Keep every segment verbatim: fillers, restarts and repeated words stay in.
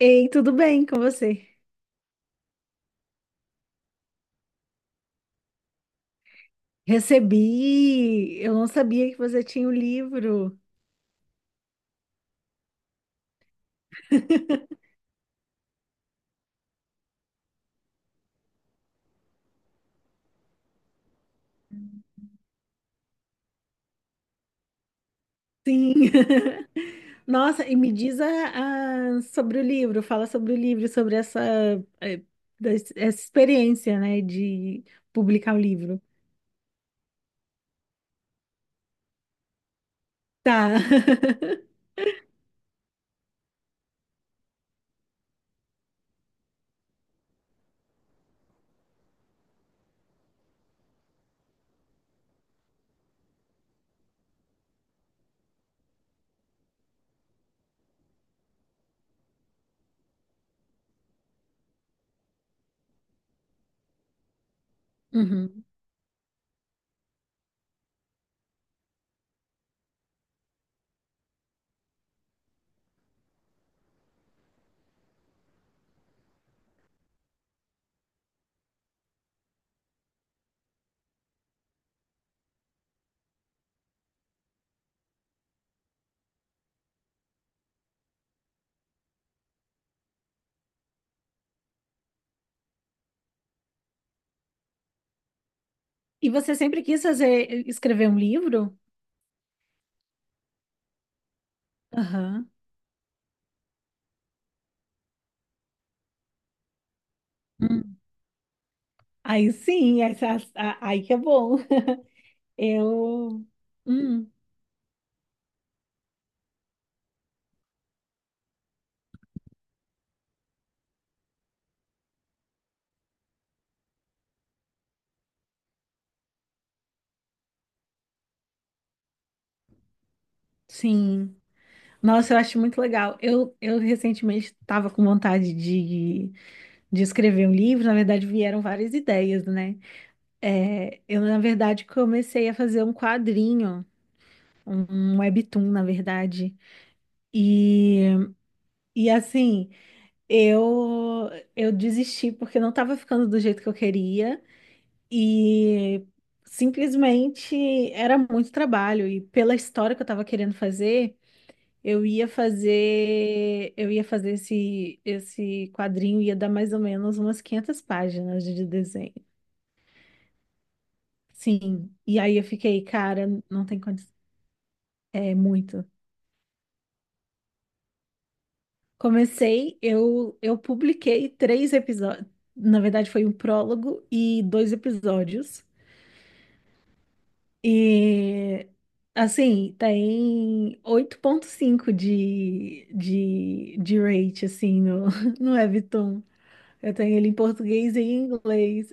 Ei, tudo bem com você? Recebi, eu não sabia que você tinha o livro. Sim. Nossa, e me diz a- a- sobre o livro, fala sobre o livro, sobre essa, eh, des- essa experiência, né, de publicar o livro. Tá. Uhum. E você sempre quis fazer, escrever um livro? Aham. Hum. Aí sim, essa- a- aí que é bom. Eu. Hum, sim. Nossa, eu acho muito legal. Eu, eu recentemente estava com vontade de, de escrever um livro. Na verdade, vieram várias ideias, né? É, eu, na verdade, comecei a fazer um quadrinho, um um webtoon, na verdade. E, e assim, eu, eu desisti porque não estava ficando do jeito que eu queria. E simplesmente era muito trabalho. E pela história que eu estava querendo fazer. Eu ia fazer, eu ia fazer esse esse quadrinho ia dar mais ou menos umas quinhentas páginas de desenho. Sim. E aí eu fiquei, cara, não tem condição. É muito. Comecei, eu eu publiquei três episódios. Na verdade, foi um prólogo e dois episódios. E assim, tem oito ponto cinco de, de, de rate assim no no Webtoon. Eu tenho ele em português e em inglês.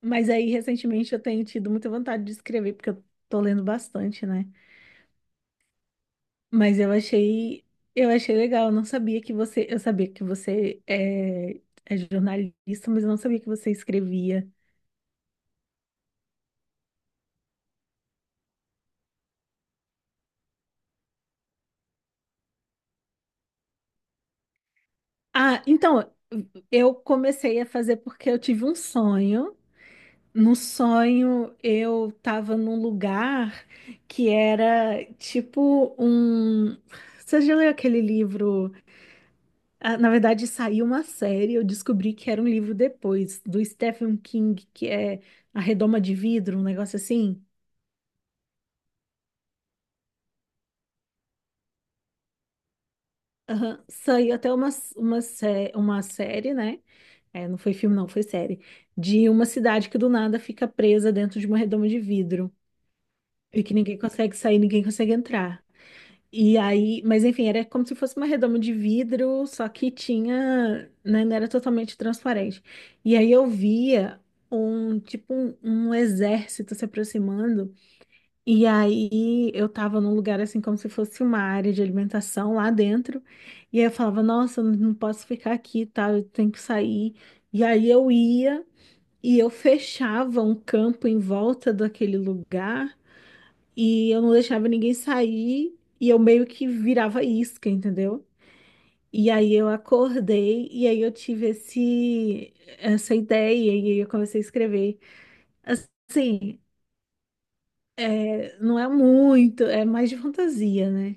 Mas aí, recentemente, eu tenho tido muita vontade de escrever, porque eu tô lendo bastante, né? Mas eu achei, eu achei legal, eu não sabia que você, eu sabia que você é, é jornalista, mas eu não sabia que você escrevia. Ah, então, eu comecei a fazer porque eu tive um sonho. No sonho, eu tava num lugar que era tipo um. Você já leu aquele livro? Ah, na verdade, saiu uma série, eu descobri que era um livro depois, do Stephen King, que é A Redoma de Vidro, um negócio assim. Aham, saiu até uma, uma, sé- uma série, né? É, não foi filme, não, foi série. De uma cidade que do nada fica presa dentro de uma redoma de vidro. E que ninguém consegue sair, ninguém consegue entrar. E aí, mas enfim, era como se fosse uma redoma de vidro, só que tinha, né, não era totalmente transparente. E aí eu via um, tipo, um, um exército se aproximando, e aí eu tava num lugar assim como se fosse uma área de alimentação lá dentro, e aí eu falava, nossa, eu não posso ficar aqui, tá, eu tenho que sair. E aí eu ia e eu fechava um campo em volta daquele lugar e eu não deixava ninguém sair e eu meio que virava isca, entendeu? E aí eu acordei e aí eu tive esse essa ideia e aí eu comecei a escrever. Assim, é, não é muito, é mais de fantasia, né?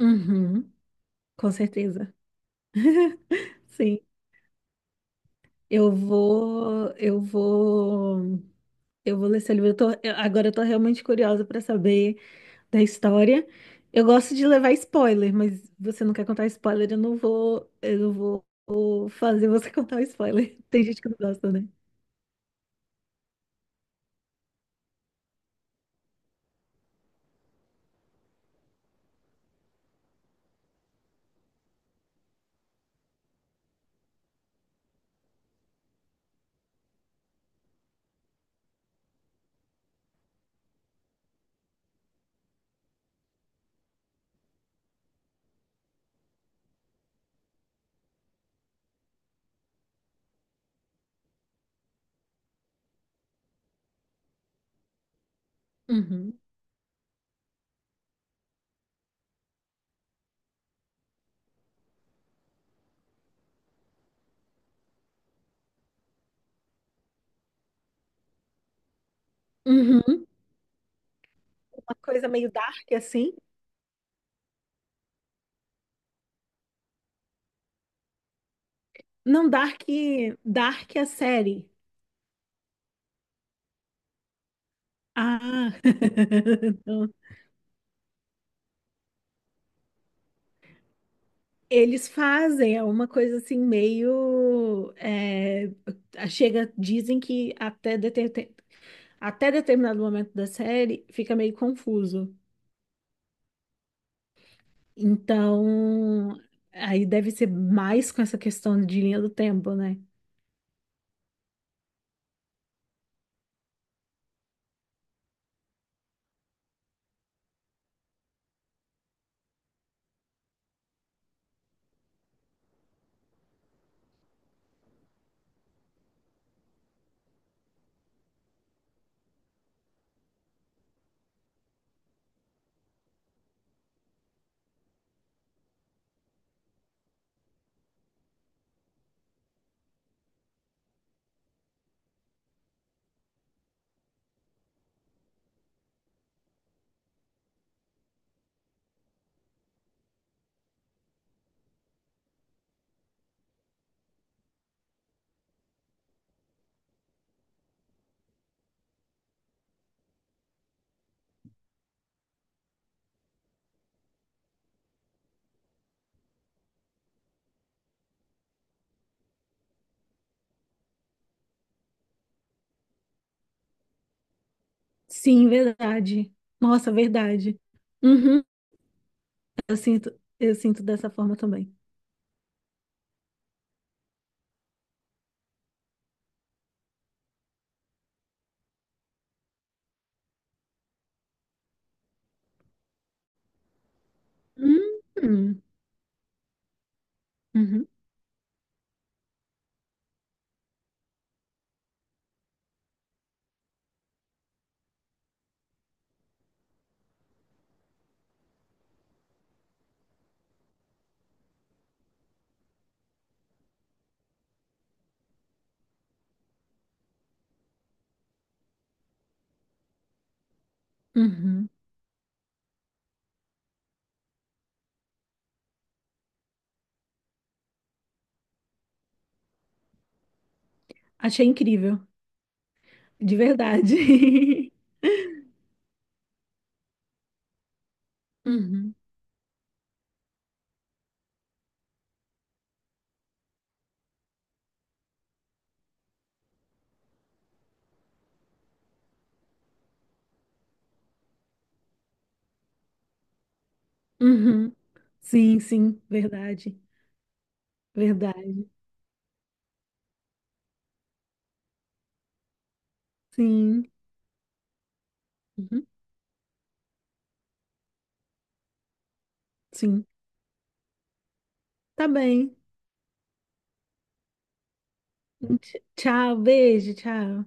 Uhum, com certeza. Sim. Eu vou, eu vou, eu vou ler esse livro. Eu tô- eu- agora eu tô realmente curiosa para saber. Da história. Eu gosto de levar spoiler, mas você não quer contar spoiler, eu não vou, eu não vou vou fazer você contar o spoiler. Tem gente que não gosta, né? Uhum. Uhum. Uma coisa meio dark assim. Não, dark, dark é a série. Ah. Não. Eles fazem, é uma coisa assim meio é, chega, dizem que até, deter- até determinado momento da série fica meio confuso. Então, aí deve ser mais com essa questão de linha do tempo, né? Sim, verdade. Nossa, verdade. Uhum, eu sinto, eu sinto dessa forma também. Uhum, uhum, uhum. Achei incrível, de verdade. Uhum, uhum. Sim, sim, verdade, verdade. Sim, uhum, sim. Tá bem. Tch- Tchau, beijo, tchau.